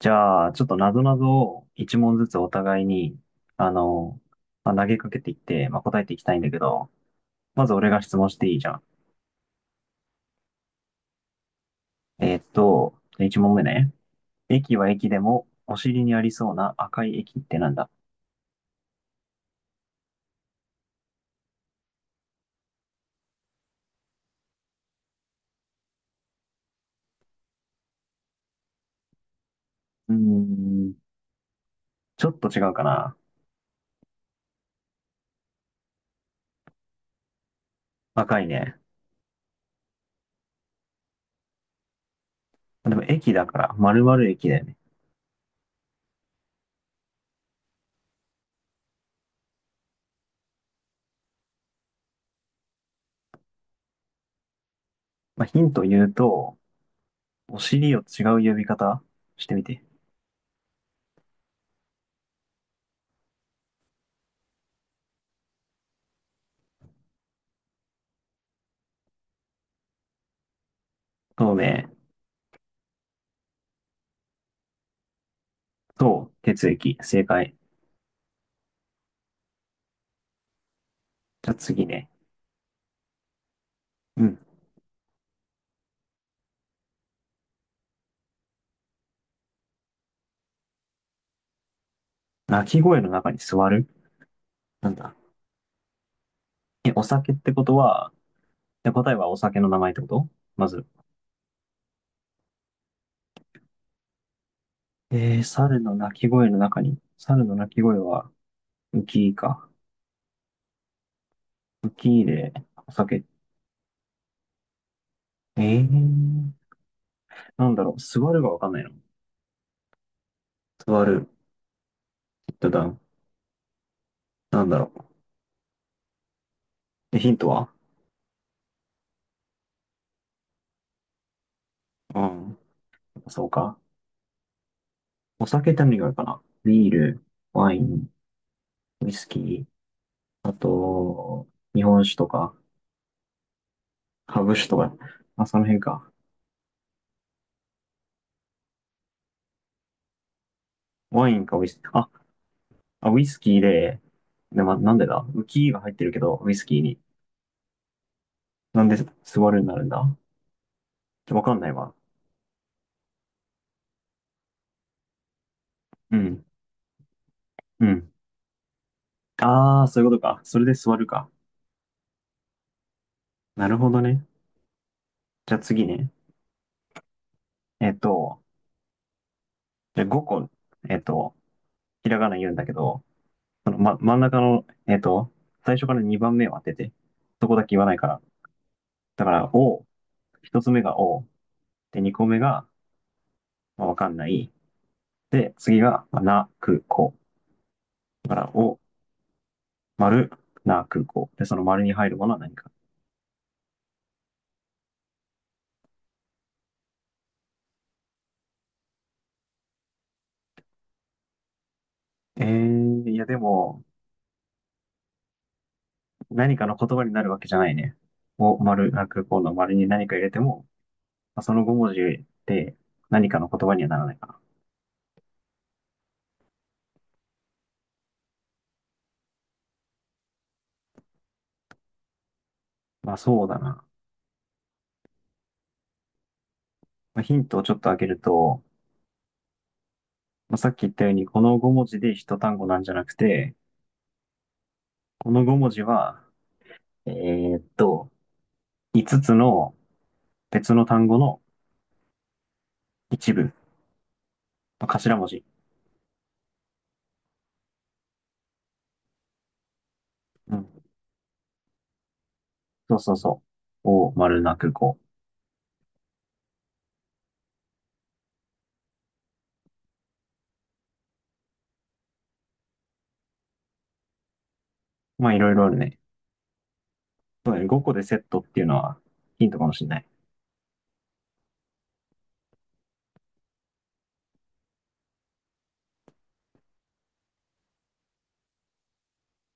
じゃあ、ちょっとなぞなぞを一問ずつお互いに、あの、投げかけていって、答えていきたいんだけど、まず俺が質問していいじゃん。じゃあ一問目ね。駅は駅でも、お尻にありそうな赤い駅ってなんだ？うーん、ちょっと違うかな。赤いね。でも駅だから、丸々駅だよね。まあ、ヒント言うと、お尻を違う呼び方してみて。透明、そう、血液、正解。じゃあ次ね。うん。鳴き声の中に座る、なんだ？え、お酒ってことは、で、答えはお酒の名前ってこと？まず。えー、猿の鳴き声の中に、猿の鳴き声は、ウキーか。ウキーで、お酒。えー、なんだろう、座るがわかんないの。座る、ヒットダウン。なんだろえ、ヒントは？うん。そうか。お酒って何があるかな。ビール、ワイン、ウイスキー、あと、日本酒とか、ハブ酒とか、あ、その辺か。ワインかウイスキー。あ、ウイスキーで、で、ま、なんでだ、ウキーが入ってるけど、ウイスキーに。なんで座るになるんだ？ちょ、わかんないわ。うん。うん。ああ、そういうことか。それで座るか。なるほどね。じゃあ次ね。えっと、じゃあ5個、えっと、ひらがな言うんだけど、その、ま、真ん中の、最初から2番目を当てて。そこだけ言わないから。だから、お、1つ目がお、で、2個目が、まあ、わかんない。で、次が、まあ、な、く、こ。だから、お、丸、な、空港。で、その丸に入るものは何か。えー、いやでも、何かの言葉になるわけじゃないね。を、丸、な、空港の丸に何か入れても、まあその5文字で何かの言葉にはならないかな。まあそうだな。まあ、ヒントをちょっと開けると、まあ、さっき言ったように、この5文字で一単語なんじゃなくて、この5文字は、えーっと、5つつの別の単語の一部、まあ頭文字。うん。そうそうそを、丸、な、空港。まあいろいろあるね。そうだね、5個でセットっていうのはヒントかもしれない。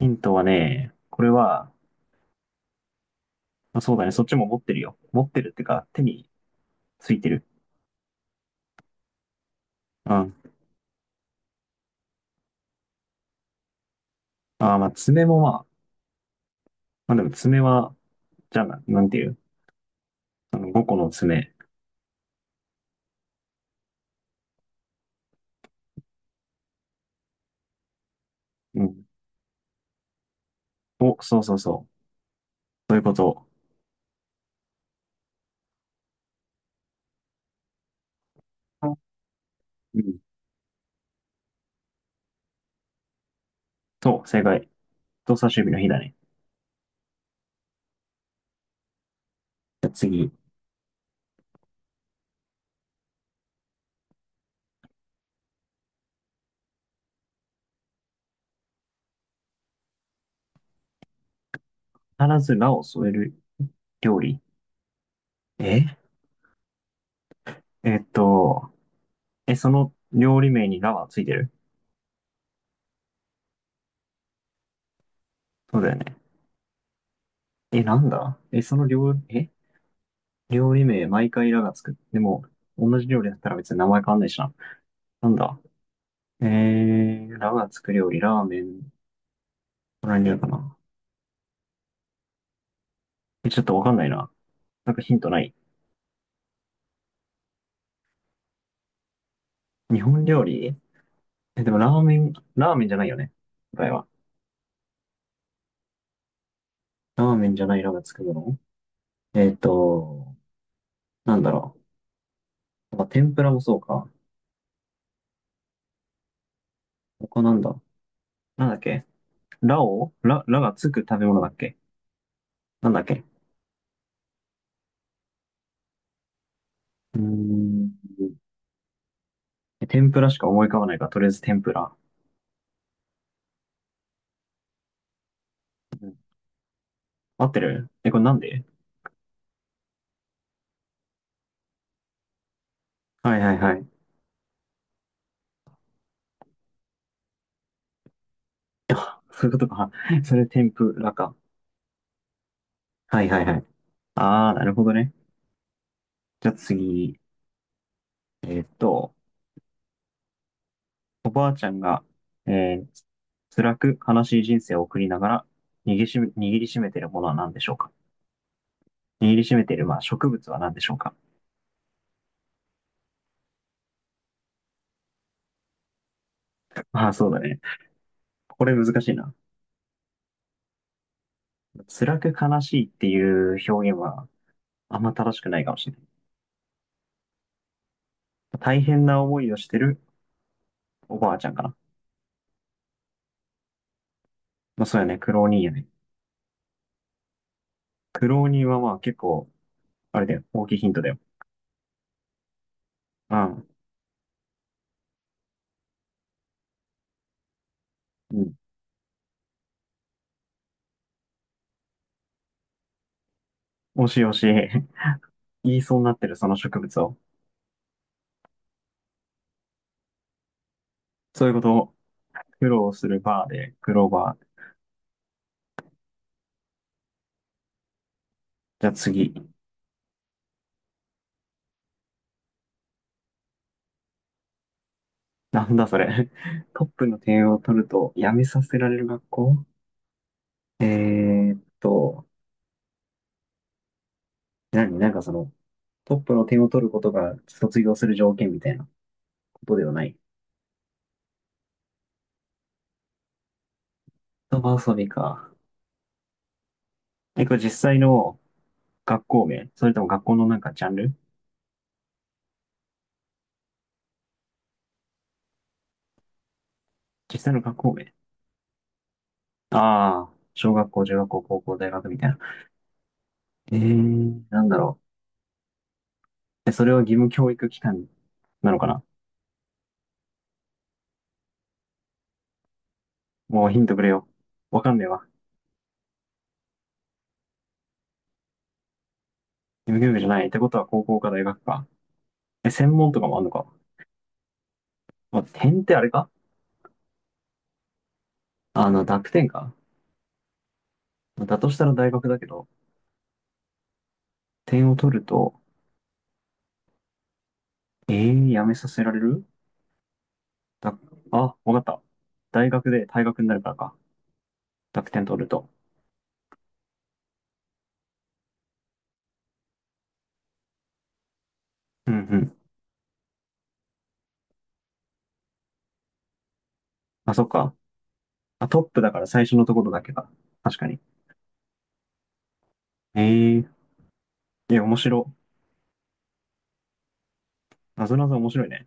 ヒントはね、これは、まあそうだね、そっちも持ってるよ。持ってるっていうか、手についてる。うん。あー、まあ、爪もまあ、まあでも爪は、じゃあ、な、なんていう、あの5個の爪。うん。お、そういうこと。うん。そう、正解。人差し指の日だね。じゃあ次。必ずラを添える料理。え、えっと、え、その料理名にラはついてる？そうだよね。え、なんだ、え、その料理、え、料理名毎回ラがつく。でも、同じ料理だったら別に名前変わんないしな。なんだ。えー、ラがつく料理、ラーメン、これにあるかな。え、ちょっとわかんないな。なんかヒントない？日本料理、え、でもラーメン、ラーメンじゃないよね。答えは。ラーメンじゃないラがつくもの、なんだろう。まあ、天ぷらもそうか。他なんだ。なんだっけ、ラを、ラ、ラがつく食べ物だっけ、なんだっけ。うーん。え、天ぷらしか思い浮かばないから、とりあえず天ぷら。合ってる、え、これなんで？はいはいはい。あ、そういうことか。それ天ぷらか。はいはいはい。ああ、なるほどね。じゃあ次、えーっと、おばあちゃんが、えー、辛く悲しい人生を送りながら握りしめているものは何でしょうか。握りしめている、まあ、植物は何でしょうか。ああー、そうだね。これ難しいな。辛く悲しいっていう表現はあんま正しくないかもしれない。大変な思いをしてるおばあちゃんかな。まあ、そうやね。苦労人やね。苦労人はまあ結構、あれだよ。大きいヒントだよ。うん。うん、惜しい惜しい。言いそうになってる、その植物を。そういうことを苦労するバーで、クローバー。じゃあ次。なんだそれ。トップの点を取ると、辞めさせられる学校。えーっと、何、なんかその、トップの点を取ることが卒業する条件みたいなことではない？言葉遊びか。え、これ実際の学校名それとも学校のなんかジャンル？実際の学校名。ああー、小学校、中学校、高校、大学みたいな。えー、なんだろう。え、それは義務教育機関なのかな？もうヒントくれよ。わかんねえわ。義務教育じゃない。ってことは高校か大学か。え、専門とかもあんのか。まあ、点ってあれか、あの、濁点か。だとしたら大学だけど、点を取ると、えー、やめさせられる、だ、あ、わかった。大学で退学になるからか。濁点取ると。うんうん。あ、そっか。あ、トップだから最初のところだけか。確かに。えー、いや、面白。なぞなぞ面白いね。